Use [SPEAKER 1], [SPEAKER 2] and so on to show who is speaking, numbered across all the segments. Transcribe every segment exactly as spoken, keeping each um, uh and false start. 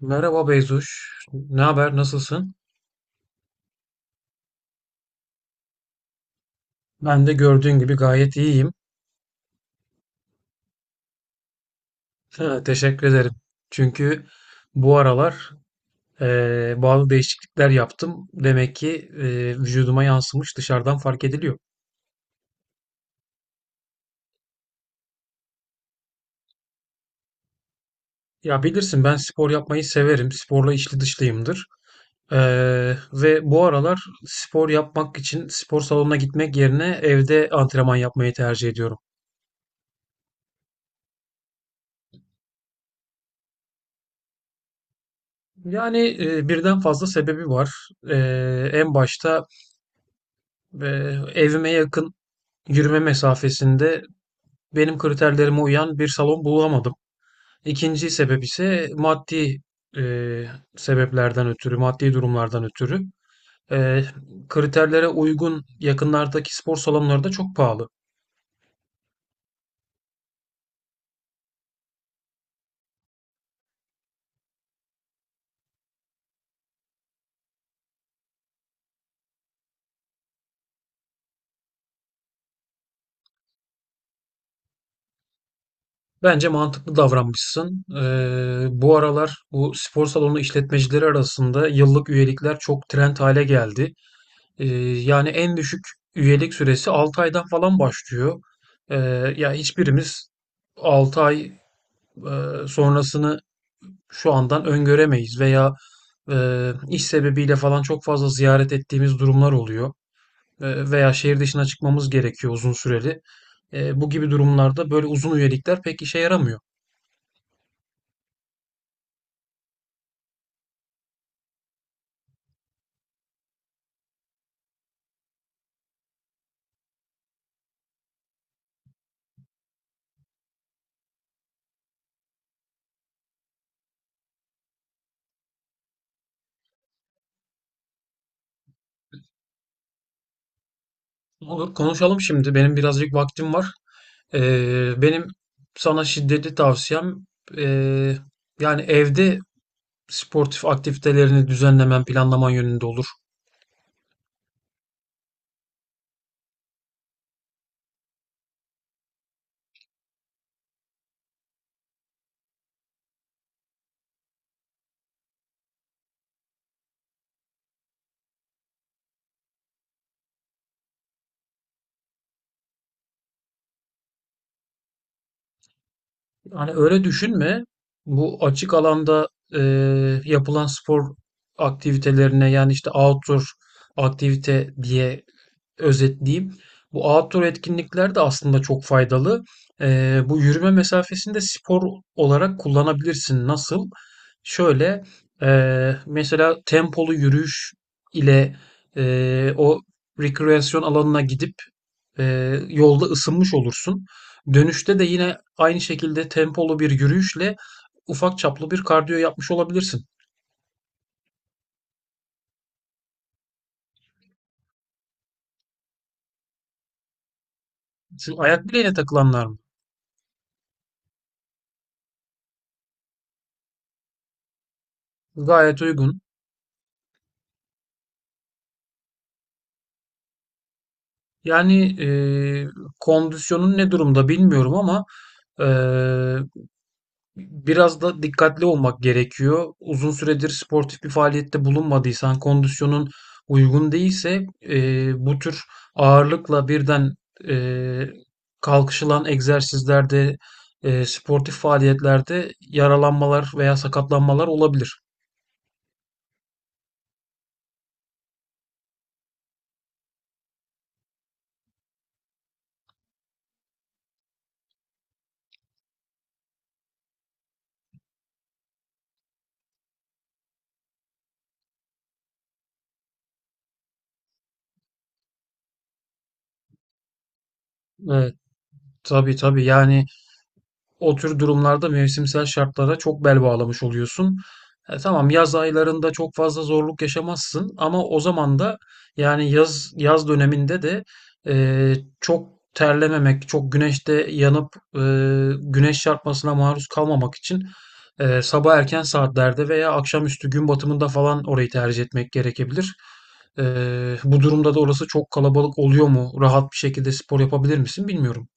[SPEAKER 1] Merhaba Beyzuş. Ne haber? Nasılsın? Ben de gördüğün gibi gayet iyiyim. Teşekkür ederim. Çünkü bu aralar eee, bazı değişiklikler yaptım. Demek ki eee, vücuduma yansımış, dışarıdan fark ediliyor. Ya bilirsin, ben spor yapmayı severim. Sporla içli dışlıyımdır. Eee, ve bu aralar spor yapmak için spor salonuna gitmek yerine evde antrenman yapmayı tercih ediyorum. Yani e, birden fazla sebebi var. E, En başta ve evime yakın, yürüme mesafesinde, benim kriterlerime uyan bir salon bulamadım. İkinci sebep ise maddi e, sebeplerden ötürü, maddi durumlardan ötürü. E, Kriterlere uygun yakınlardaki spor salonları da çok pahalı. Bence mantıklı davranmışsın. E, bu aralar bu spor salonu işletmecileri arasında yıllık üyelikler çok trend hale geldi. Ee, Yani en düşük üyelik süresi altı aydan falan başlıyor. Ee, Ya hiçbirimiz altı ay e, sonrasını şu andan öngöremeyiz veya e, iş sebebiyle falan çok fazla ziyaret ettiğimiz durumlar oluyor. E, veya şehir dışına çıkmamız gerekiyor uzun süreli. E, bu gibi durumlarda böyle uzun üyelikler pek işe yaramıyor. Olur, konuşalım şimdi. Benim birazcık vaktim var. Ee, benim sana şiddetli tavsiyem, ee, yani evde sportif aktivitelerini düzenlemen, planlaman yönünde olur. Hani öyle düşünme. Bu açık alanda e, yapılan spor aktivitelerine, yani işte outdoor aktivite diye özetleyeyim. Bu outdoor etkinlikler de aslında çok faydalı. E, bu yürüme mesafesini de spor olarak kullanabilirsin. Nasıl? Şöyle, e, mesela tempolu yürüyüş ile e, o rekreasyon alanına gidip e, yolda ısınmış olursun. Dönüşte de yine aynı şekilde tempolu bir yürüyüşle ufak çaplı bir kardiyo yapmış olabilirsin. Şu ayak bileğine takılanlar mı? Gayet uygun. Yani eee, kondisyonun ne durumda bilmiyorum ama eee, biraz da dikkatli olmak gerekiyor. Uzun süredir sportif bir faaliyette bulunmadıysan, kondisyonun uygun değilse e, bu tür ağırlıkla birden e, kalkışılan egzersizlerde, e, sportif faaliyetlerde yaralanmalar veya sakatlanmalar olabilir. Evet, tabii tabii, yani o tür durumlarda mevsimsel şartlara çok bel bağlamış oluyorsun. E, tamam, yaz aylarında çok fazla zorluk yaşamazsın ama o zaman da, yani yaz yaz döneminde de e, çok terlememek, çok güneşte yanıp e, güneş çarpmasına maruz kalmamak için e, sabah erken saatlerde veya akşamüstü gün batımında falan orayı tercih etmek gerekebilir. E, Bu durumda da orası çok kalabalık oluyor mu? Rahat bir şekilde spor yapabilir misin? Bilmiyorum.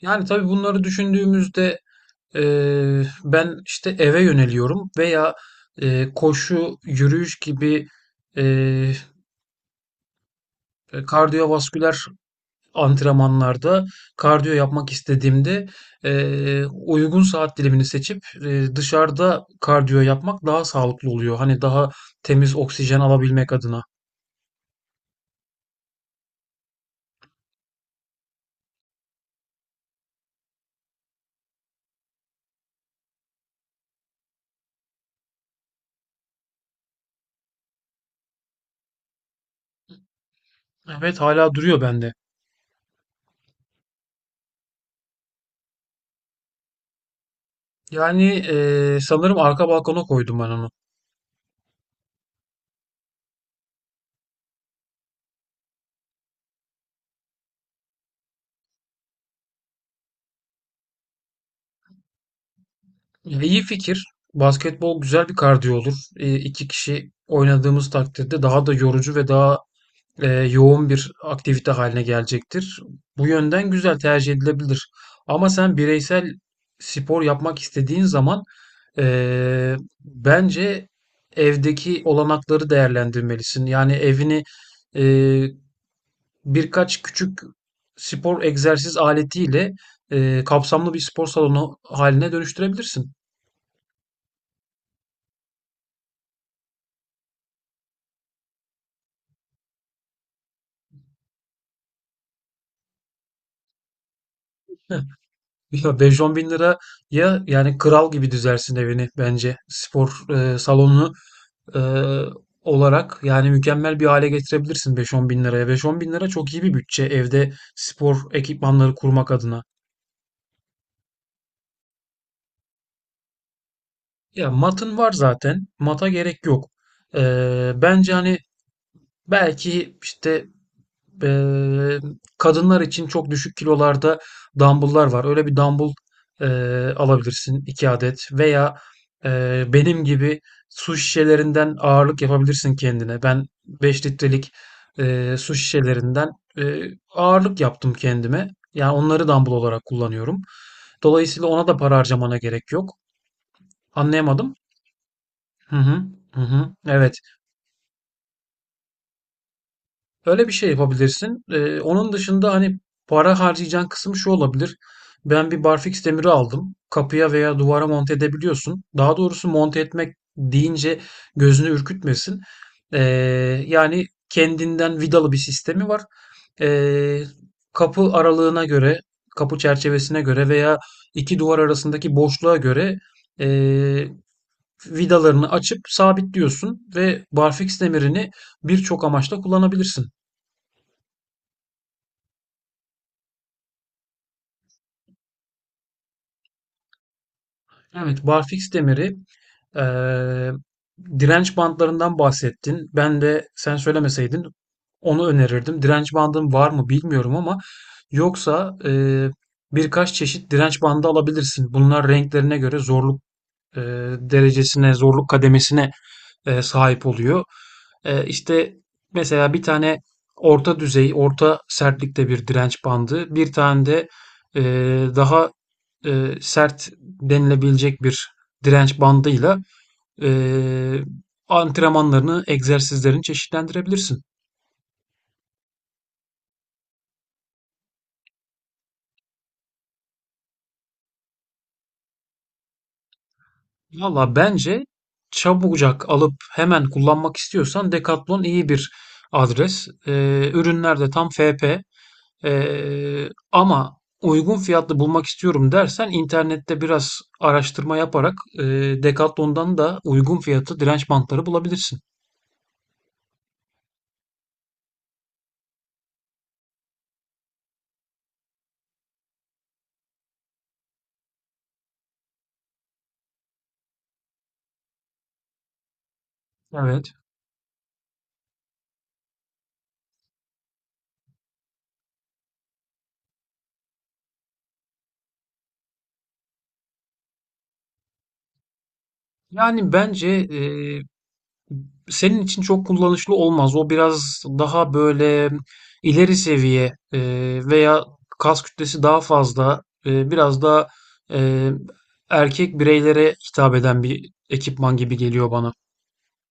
[SPEAKER 1] Yani tabii bunları düşündüğümüzde eee, ben işte eve yöneliyorum veya eee, koşu, yürüyüş gibi eee kardiyovasküler antrenmanlarda kardiyo yapmak istediğimde eee, uygun saat dilimini seçip eee, dışarıda kardiyo yapmak daha sağlıklı oluyor. Hani daha temiz oksijen alabilmek adına. Evet, hala duruyor bende. Yani eee, sanırım arka balkona koydum ben onu. Ya, iyi fikir. Basketbol güzel bir kardiyo olur. Eee, iki kişi oynadığımız takdirde daha da yorucu ve daha eee, yoğun bir aktivite haline gelecektir. Bu yönden güzel, tercih edilebilir. Ama sen bireysel spor yapmak istediğin zaman eee, bence evdeki olanakları değerlendirmelisin. Yani evini eee, birkaç küçük spor egzersiz aletiyle eee, kapsamlı bir spor salonu haline dönüştürebilirsin. Ya, beş on bin liraya yani kral gibi düzersin evini bence. Spor eee, salonunu eee, olarak yani mükemmel bir hale getirebilirsin beş on bin liraya. beş on bin lira çok iyi bir bütçe, evde spor ekipmanları kurmak adına. Ya matın var zaten. Mata gerek yok. Eee, bence hani belki işte Eee, kadınlar için çok düşük kilolarda dumbbell'lar var. Öyle bir dumbbell eee, alabilirsin iki adet veya eee, benim gibi su şişelerinden ağırlık yapabilirsin kendine. Ben beş litrelik eee, su şişelerinden eee, ağırlık yaptım kendime. Yani onları dumbbell olarak kullanıyorum. Dolayısıyla ona da para harcamana gerek yok. Anlayamadım. Hı hı. Hı hı. Evet. Öyle bir şey yapabilirsin. Ee, onun dışında hani para harcayacağın kısım şu olabilir. Ben bir barfiks demiri aldım. Kapıya veya duvara monte edebiliyorsun. Daha doğrusu monte etmek deyince gözünü ürkütmesin. Ee, Yani kendinden vidalı bir sistemi var. Ee, Kapı aralığına göre, kapı çerçevesine göre veya iki duvar arasındaki boşluğa göre ee, vidalarını açıp sabitliyorsun ve barfiks demirini birçok amaçla kullanabilirsin. Evet, barfiks demiri. eee, Direnç bandlarından bahsettin. Ben de sen söylemeseydin onu önerirdim. Direnç bandım var mı bilmiyorum ama yoksa eee, birkaç çeşit direnç bandı alabilirsin. Bunlar renklerine göre zorluk eee, derecesine, zorluk kademesine eee, sahip oluyor. Eee, işte, mesela bir tane orta düzey, orta sertlikte bir direnç bandı, bir tane de eee, daha eee, sert denilebilecek bir direnç bandıyla eee, antrenmanlarını, egzersizlerini çeşitlendirebilirsin. Valla bence çabucak alıp hemen kullanmak istiyorsan Decathlon iyi bir adres. Eee, ürünler de tam F P. Ee, ama uygun fiyatlı bulmak istiyorum dersen internette biraz araştırma yaparak e, Decathlon'dan da uygun fiyatlı direnç bantları bulabilirsin. Evet. Yani bence e, senin için çok kullanışlı olmaz. O biraz daha böyle ileri seviye e, veya kas kütlesi daha fazla, e, biraz da e, erkek bireylere hitap eden bir ekipman gibi geliyor bana.